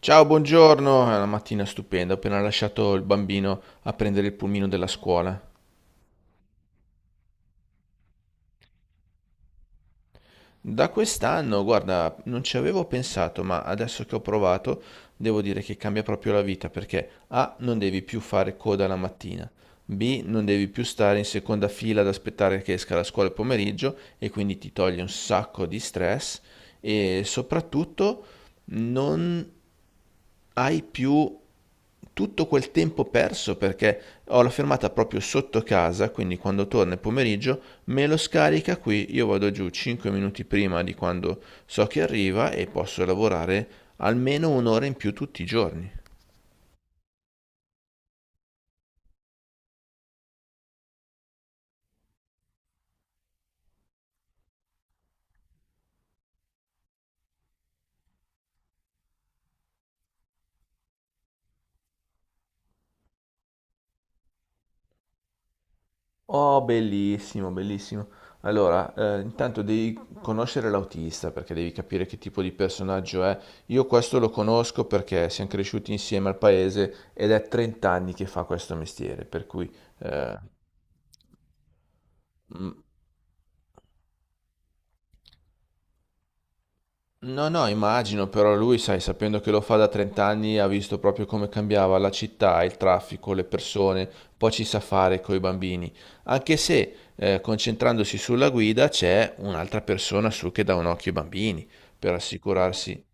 Ciao, buongiorno. È una mattina stupenda. Ho appena lasciato il bambino a prendere il pulmino della scuola. Da quest'anno, guarda, non ci avevo pensato, ma adesso che ho provato, devo dire che cambia proprio la vita perché A, non devi più fare coda la mattina. B, non devi più stare in seconda fila ad aspettare che esca la scuola il pomeriggio e quindi ti toglie un sacco di stress e soprattutto non hai più tutto quel tempo perso perché ho la fermata proprio sotto casa, quindi quando torna il pomeriggio me lo scarica qui, io vado giù 5 minuti prima di quando so che arriva e posso lavorare almeno un'ora in più tutti i giorni. Oh, bellissimo, bellissimo. Allora, intanto devi conoscere l'autista perché devi capire che tipo di personaggio è. Io questo lo conosco perché siamo cresciuti insieme al paese ed è 30 anni che fa questo mestiere, per cui eh, Mm, no, no, immagino, però lui, sai, sapendo che lo fa da 30 anni, ha visto proprio come cambiava la città, il traffico, le persone, poi ci sa fare coi bambini. Anche se, concentrandosi sulla guida, c'è un'altra persona su che dà un occhio ai bambini, per assicurarsi.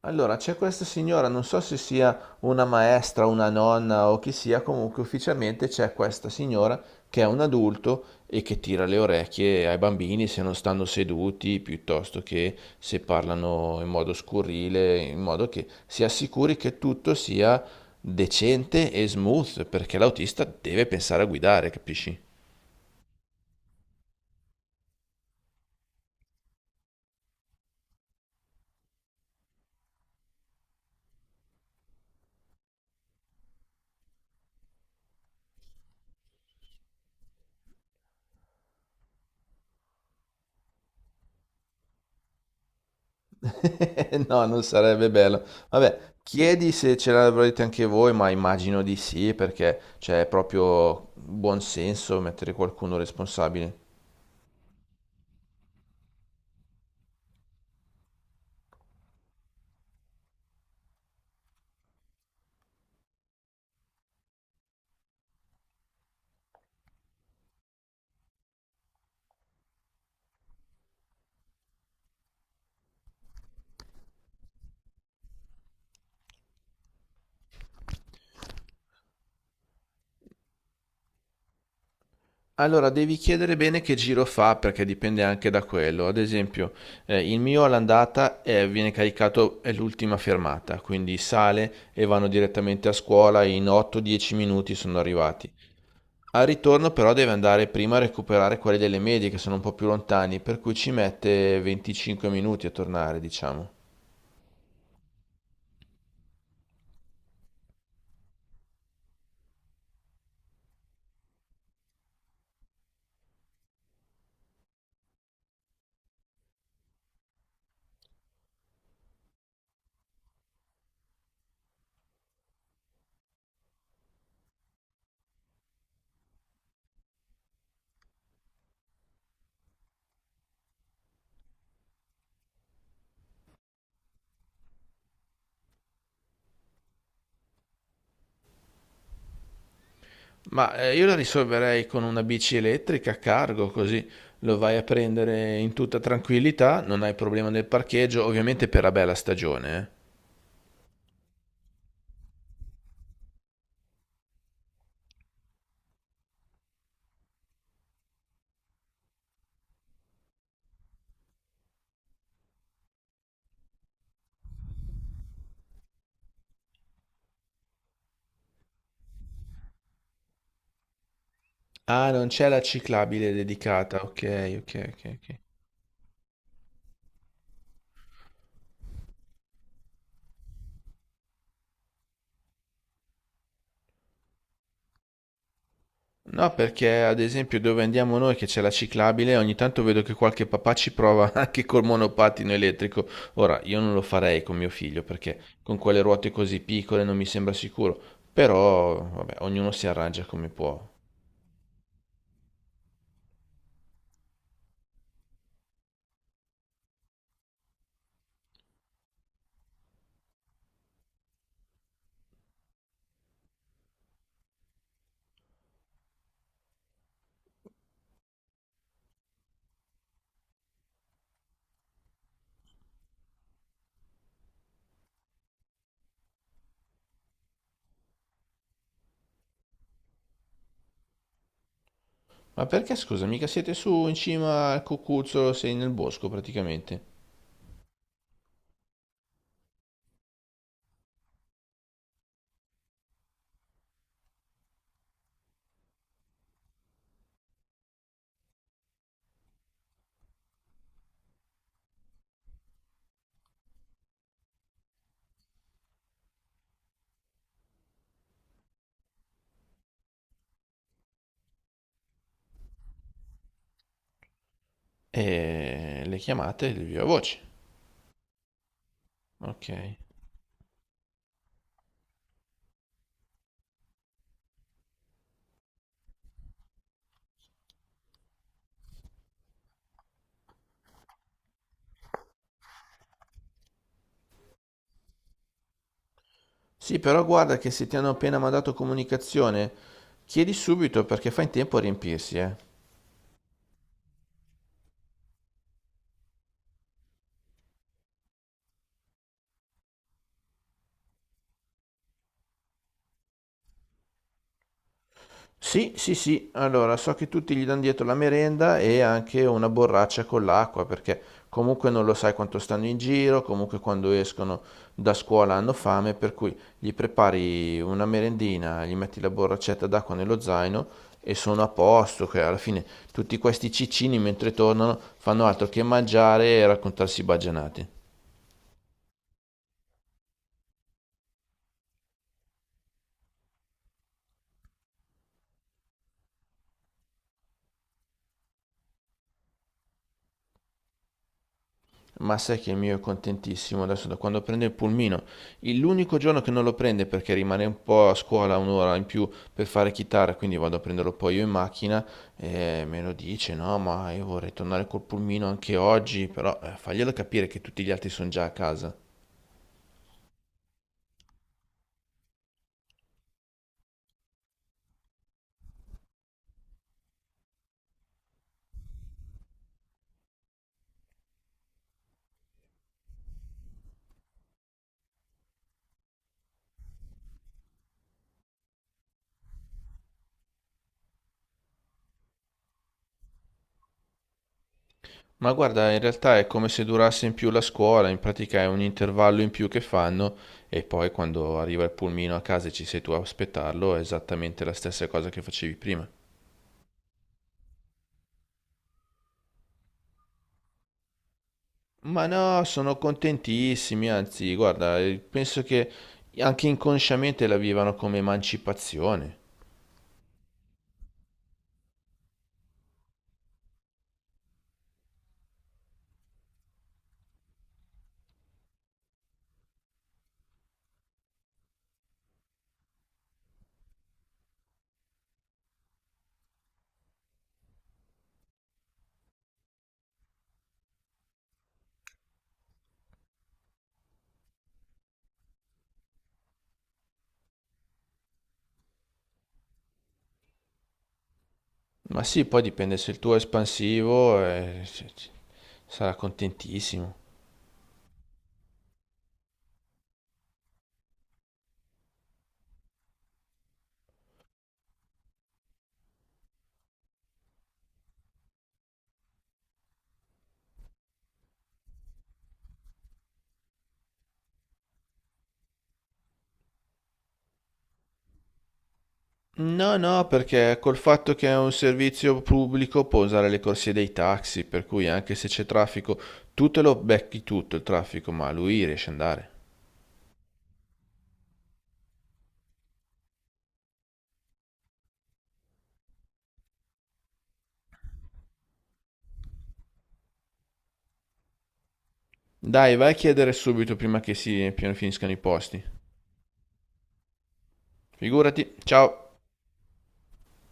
Allora, c'è questa signora, non so se sia una maestra, una nonna o chi sia, comunque ufficialmente c'è questa signora che è un adulto e che tira le orecchie ai bambini se non stanno seduti, piuttosto che se parlano in modo scurrile, in modo che si assicuri che tutto sia decente e smooth, perché l'autista deve pensare a guidare, capisci? No, non sarebbe bello. Vabbè, chiedi se ce l'avrete anche voi, ma immagino di sì, perché c'è proprio buon senso mettere qualcuno responsabile. Allora, devi chiedere bene che giro fa, perché dipende anche da quello. Ad esempio, il mio all'andata viene caricato, è l'ultima fermata, quindi sale e vanno direttamente a scuola, in 8-10 minuti sono arrivati. Al ritorno però deve andare prima a recuperare quelli delle medie che sono un po' più lontani, per cui ci mette 25 minuti a tornare, diciamo. Ma io la risolverei con una bici elettrica a cargo, così lo vai a prendere in tutta tranquillità, non hai problema del parcheggio, ovviamente per la bella stagione. Ah, non c'è la ciclabile dedicata, ok, ok, ok, ok. No, perché ad esempio dove andiamo noi che c'è la ciclabile, ogni tanto vedo che qualche papà ci prova anche col monopattino elettrico. Ora, io non lo farei con mio figlio perché con quelle ruote così piccole non mi sembra sicuro. Però, vabbè, ognuno si arrangia come può. Ma perché, scusa, mica siete su in cima al cucuzzolo, sei nel bosco praticamente. E le chiamate di viva voce. Ok. Sì, però guarda che se ti hanno appena mandato comunicazione, chiedi subito perché fa in tempo a riempirsi, eh. Sì, sì, sì, allora so che tutti gli danno dietro la merenda e anche una borraccia con l'acqua perché comunque non lo sai quanto stanno in giro, comunque quando escono da scuola hanno fame, per cui gli prepari una merendina, gli metti la borraccetta d'acqua nello zaino e sono a posto, che alla fine tutti questi ciccini mentre tornano fanno altro che mangiare e raccontarsi baggianate. Ma sai che il mio è contentissimo adesso da quando prende il pulmino. Il- L'unico giorno che non lo prende perché rimane un po' a scuola un'ora in più per fare chitarra, quindi vado a prenderlo poi io in macchina e me lo dice, no, ma io vorrei tornare col pulmino anche oggi, però faglielo capire che tutti gli altri sono già a casa. Ma guarda, in realtà è come se durasse in più la scuola, in pratica è un intervallo in più che fanno e poi quando arriva il pulmino a casa e ci sei tu a aspettarlo è esattamente la stessa cosa che facevi prima. Ma no, sono contentissimi, anzi, guarda, penso che anche inconsciamente la vivano come emancipazione. Ma sì, poi dipende se il tuo è espansivo, sarà contentissimo. No, no, perché col fatto che è un servizio pubblico può usare le corsie dei taxi, per cui anche se c'è traffico, tu te lo becchi tutto il traffico, ma lui riesce ad andare. Dai, vai a chiedere subito prima che finiscano i posti. Figurati, ciao!